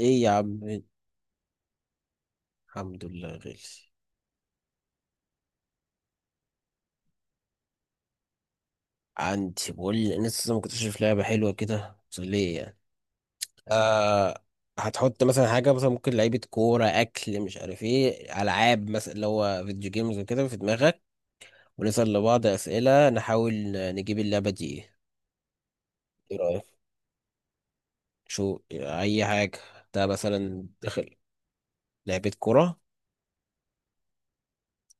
ايه يا عم. الحمد لله غالي. عندي، بقول لي لسه ما كنتش شايف لعبه حلوه كده مسليه يعني. آه، هتحط مثلا حاجه، مثلا ممكن لعيبه كوره، اكل، مش عارف ايه، العاب مثلا اللي هو فيديو جيمز وكده في دماغك، ونسال لبعض اسئله نحاول نجيب اللعبه دي ايه. ايه رايك؟ شو اي حاجه. ده مثلا دخل لعبه كوره.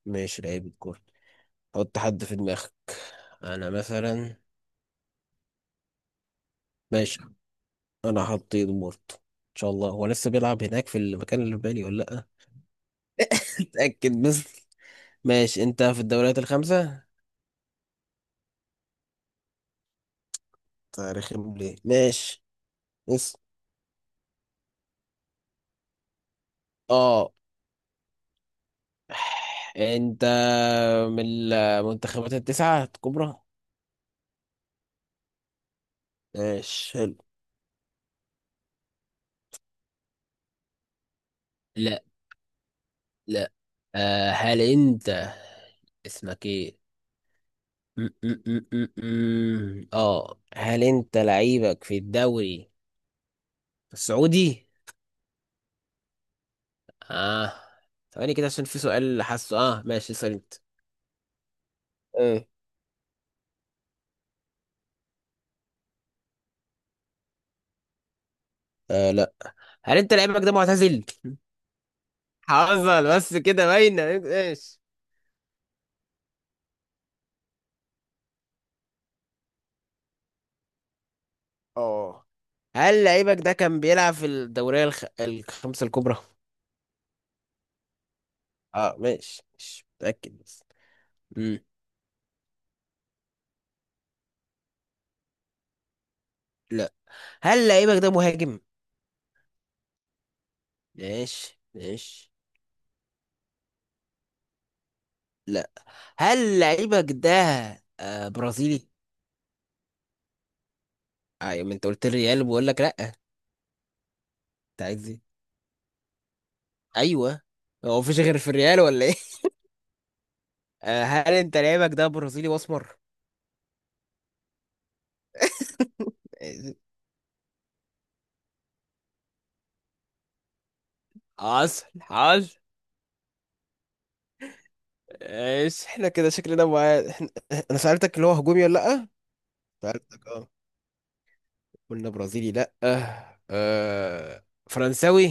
ماشي، لعيبه كوره. حط حد في دماغك. انا مثلا. ماشي، انا حطيت بورتو، ان شاء الله هو لسه بيلعب هناك في المكان اللي في بالي ولا لا. اتاكد بس. ماشي، انت في الدوريات الخمسه، تاريخهم ليه؟ ماشي بس. اه. انت من المنتخبات التسعه الكبرى؟ ماشي حلو. لا. لا. آه، هل انت اسمك ايه؟ م- م- م- م- م. اه، هل انت لعيبك في الدوري السعودي؟ اه. ثواني كده عشان في سؤال حاسه، اه ماشي، اسال انت. ايه؟ آه لا. هل انت لعيبك ده معتزل؟ حصل بس كده باينه. ايش؟ اه، هل لعيبك ده كان بيلعب في الدورية الخمسة الكبرى؟ اه ماشي، مش متأكد بس. مم. لا. هل لعيبك ده مهاجم؟ ماشي ماشي. لا. هل لعيبك ده آه برازيلي؟ ايوه، ما انت قلت الريال، بقول لك لا. انت عايز ايه؟ ايوه، هو مفيش غير في الريال ولا ايه؟ آه، هل انت لعيبك ده برازيلي واسمر؟ آه، حصل حصل. ايش احنا كده شكلنا مع... احنا... انا سألتك اللي هو هجومي ولا لأ، سألتك اه، قلنا برازيلي لأ، آه... فرنساوي.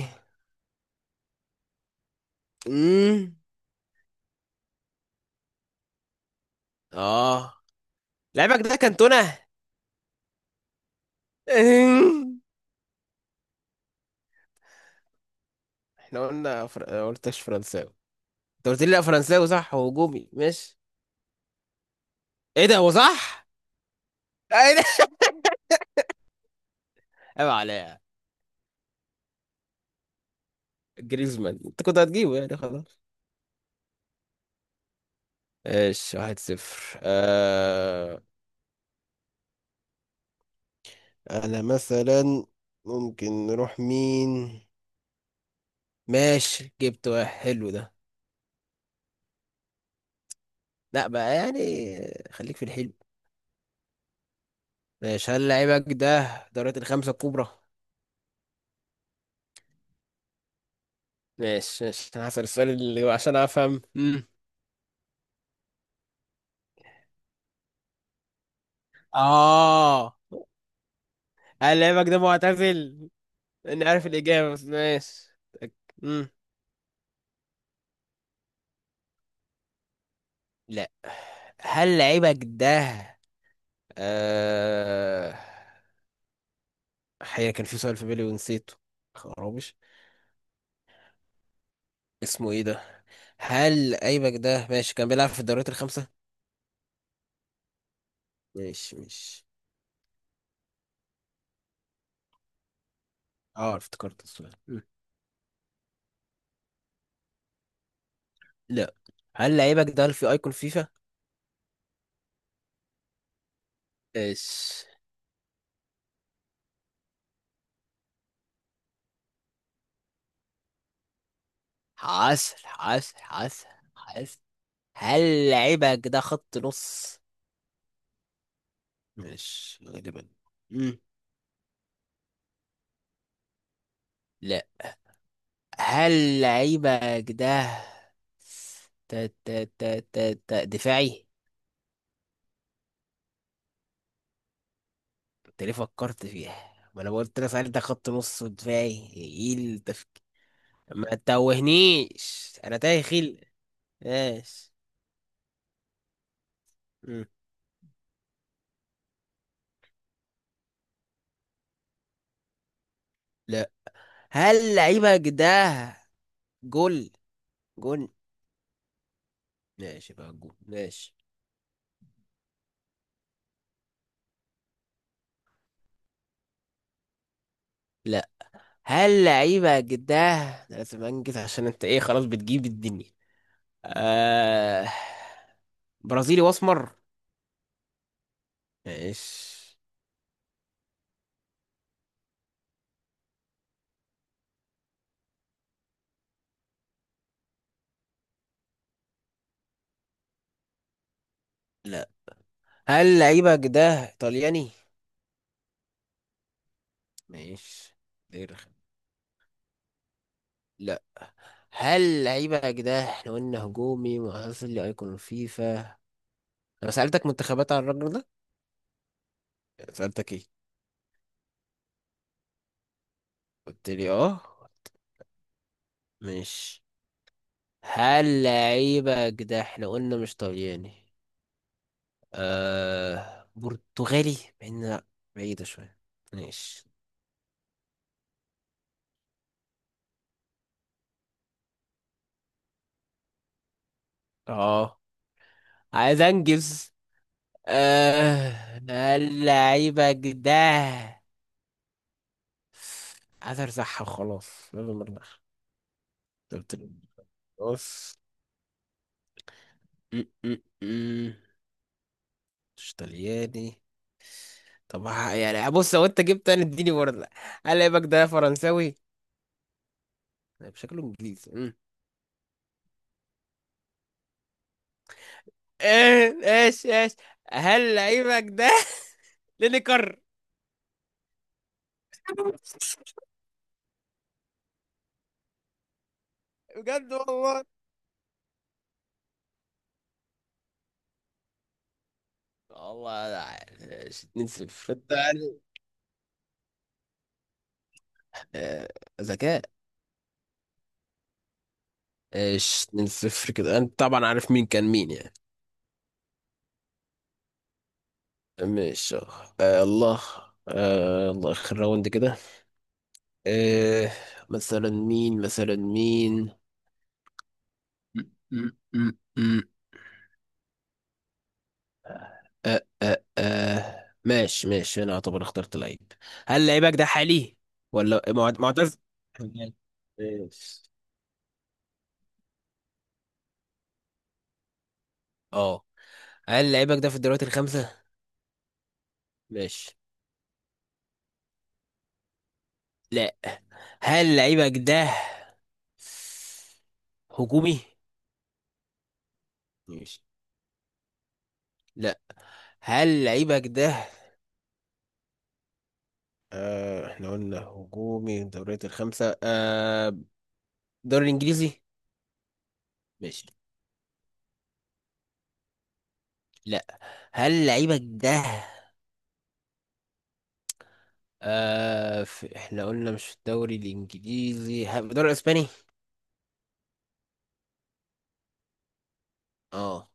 امم. اه. لعبك ده كانتونا. أمم. احنا قلنا آه، قلتش فرنساوي. انت قلت لي لأ، فرنساوي صح، هو هجومي، ماشي. ايه ده؟ هو صح؟ ايه ده؟ عيب عليا. جريزمان، انت كنت هتجيبه يعني خلاص. ايش، واحد صفر آه... انا مثلا ممكن نروح مين؟ ماشي، جبت واحد حلو ده. لا بقى يعني، خليك في الحلو. ماشي. هل لعيبك ده دوريات الخمسة الكبرى؟ ماشي ماشي، انا هسأل السؤال اللي عشان افهم. اه. هل لعيبك ده معتزل؟ اني عارف الإجابة بس ماشي. أك- مم. لا. هل لعيبك ده آه... حقيقة كان في سؤال في بالي ونسيته، خرابش، اسمه ايه ده؟ هل لعيبك ده ماشي كان بيلعب في الدوريات الخمسة؟ ماشي ماشي. اه افتكرت السؤال. لا. هل لعيبك ده في ايكون فيفا؟ ايش؟ حاس حاس. هل لعيبك ده خط نص؟ مش غالبا. م. لا. هل لعيبك ده تا تا تا تا تا دفاعي؟ انت ليه فكرت فيها؟ ما انا قلت لك سألت ده خط نص ودفاعي، ايه التفكير؟ ما تتوهنيش، انا تايه خيل. ايش؟ م. لا. هل لعيبك ده جول؟ جول؟ ماشي بقى، جول ماشي. لا. هل لعيبة جداه ده لازم انجز عشان انت ايه خلاص بتجيب الدنيا. آه... برازيلي واسمر؟ ماشي. لا. هل لعيبة جداه ايطالياني؟ ماشي. دي رخ- لا. هل لعيبة جداه احنا قلنا هجومي وحصل لي ايقون الفيفا، انا سألتك منتخبات على الراجل ده، سألتك ايه؟ قلت لي اه، ماشي. هل لعيبة جداه احنا قلنا مش طلياني، آه برتغالي، مع إنها بعيدة شوية. ماشي. اه، عايز انجز. آه، اللعيبة ده عايز ارزعها وخلاص، لازم ارزعها، قلت له بص. م- م- م. مش طلياني. طب يعني بص، لو انت جبت انا اديني برضه. هل لعيبك ده فرنساوي؟ لا، بشكله انجليزي. ايه؟ ايش؟ ايش؟ هل لعيبك ده لينيكر؟ بجد والله. والله أنا عارف. 2-0 انت يعني. آه، ذكاء. ايش 2-0 كده، انت طبعا عارف مين كان مين يعني. ماشي. آه الله. آه الله، اخر راوند كده. آه، مثلا مين؟ مثلا مين؟ م- م- م- آه آه آه، ماشي ماشي، انا اعتبر اخترت لعيب. هل لعيبك ده حالي ولا معتز؟ ماشي. اه. هل لعيبك ده في الدوريات الخمسة؟ ماشي. لا. هل لعيبك ده هجومي؟ ماشي. لا. هل لعيبك ده آه احنا قلنا هجومي الدوريات الخمسة، آه الدوري الإنجليزي؟ ماشي. لا. هل لعيبك ده آه في... احنا قلنا مش في الدوري الانجليزي، في الدوري الاسباني؟ اه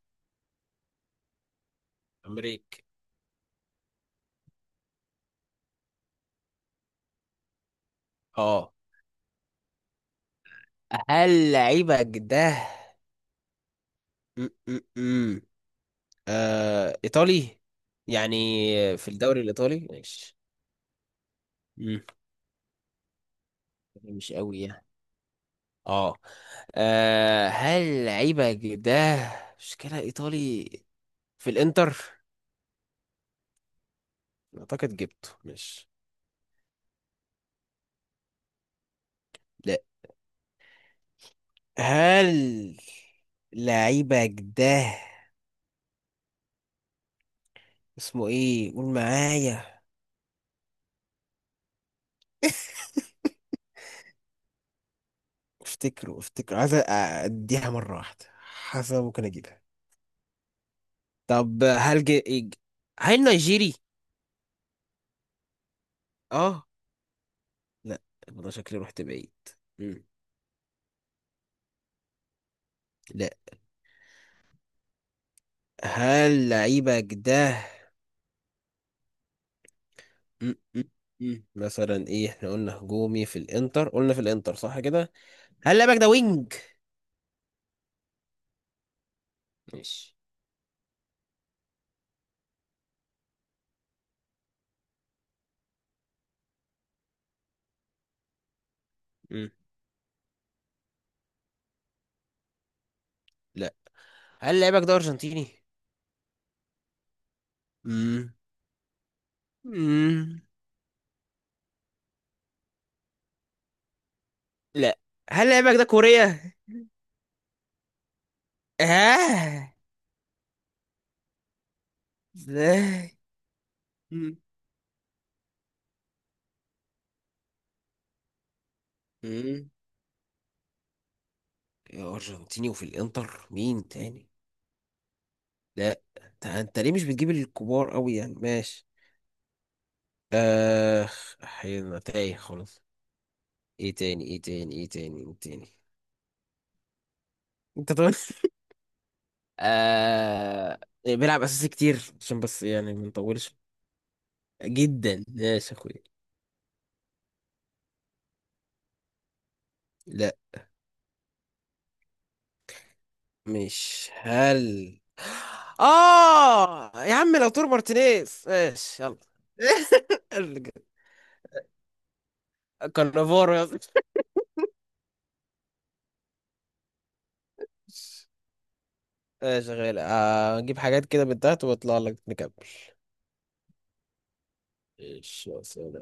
أمريكا. اه. هل لعيبك ده م -م -م. آه ايطالي يعني، في الدوري الايطالي؟ ماشي. مش قوي يعني. اه. آه، هل لعيبة ده مشكلة ايطالي، في الانتر؟ اعتقد جبته مش... لا. هل لعيبة ده اسمه ايه؟ قول معايا. افتكره، عايز اديها مرة واحدة حسب ممكن اجيبها. طب هل ج- هل نيجيري؟ اه لا. يبقى ده شكلي رحت بعيد. مم. لا. هل لعيبة ده م- م- م. مثلا ايه، احنا قلنا هجومي في الانتر، قلنا في الانتر صح كده. هل لعبك ده وينج؟ ماشي. م. لا. هل لعبك ده ارجنتيني؟ م. م. لا. هل لعبك ده كوريا؟ اه، ازاي؟ م. م. يا ارجنتيني وفي الانتر، مين تاني؟ لا. انت، أنت ليه مش بتجيب الكبار قوي يعني؟ ماشي. اخ، احيانا تايه خالص. ايه تاني؟ ايه تاني؟ ايه تاني؟ ايه تاني؟ انت طبعا آه بيلعب اساسي كتير، عشان بس يعني ما نطولش. جدا، ماشي يا اخويا. لا، مش هل، اه يا عم لو تور مارتينيز ماشي يلا. كارنافورو يا اسطى. ماشي، شغال آه، اجيب حاجات كده من تحت واطلع لك نكمل. ايش يا سيدي.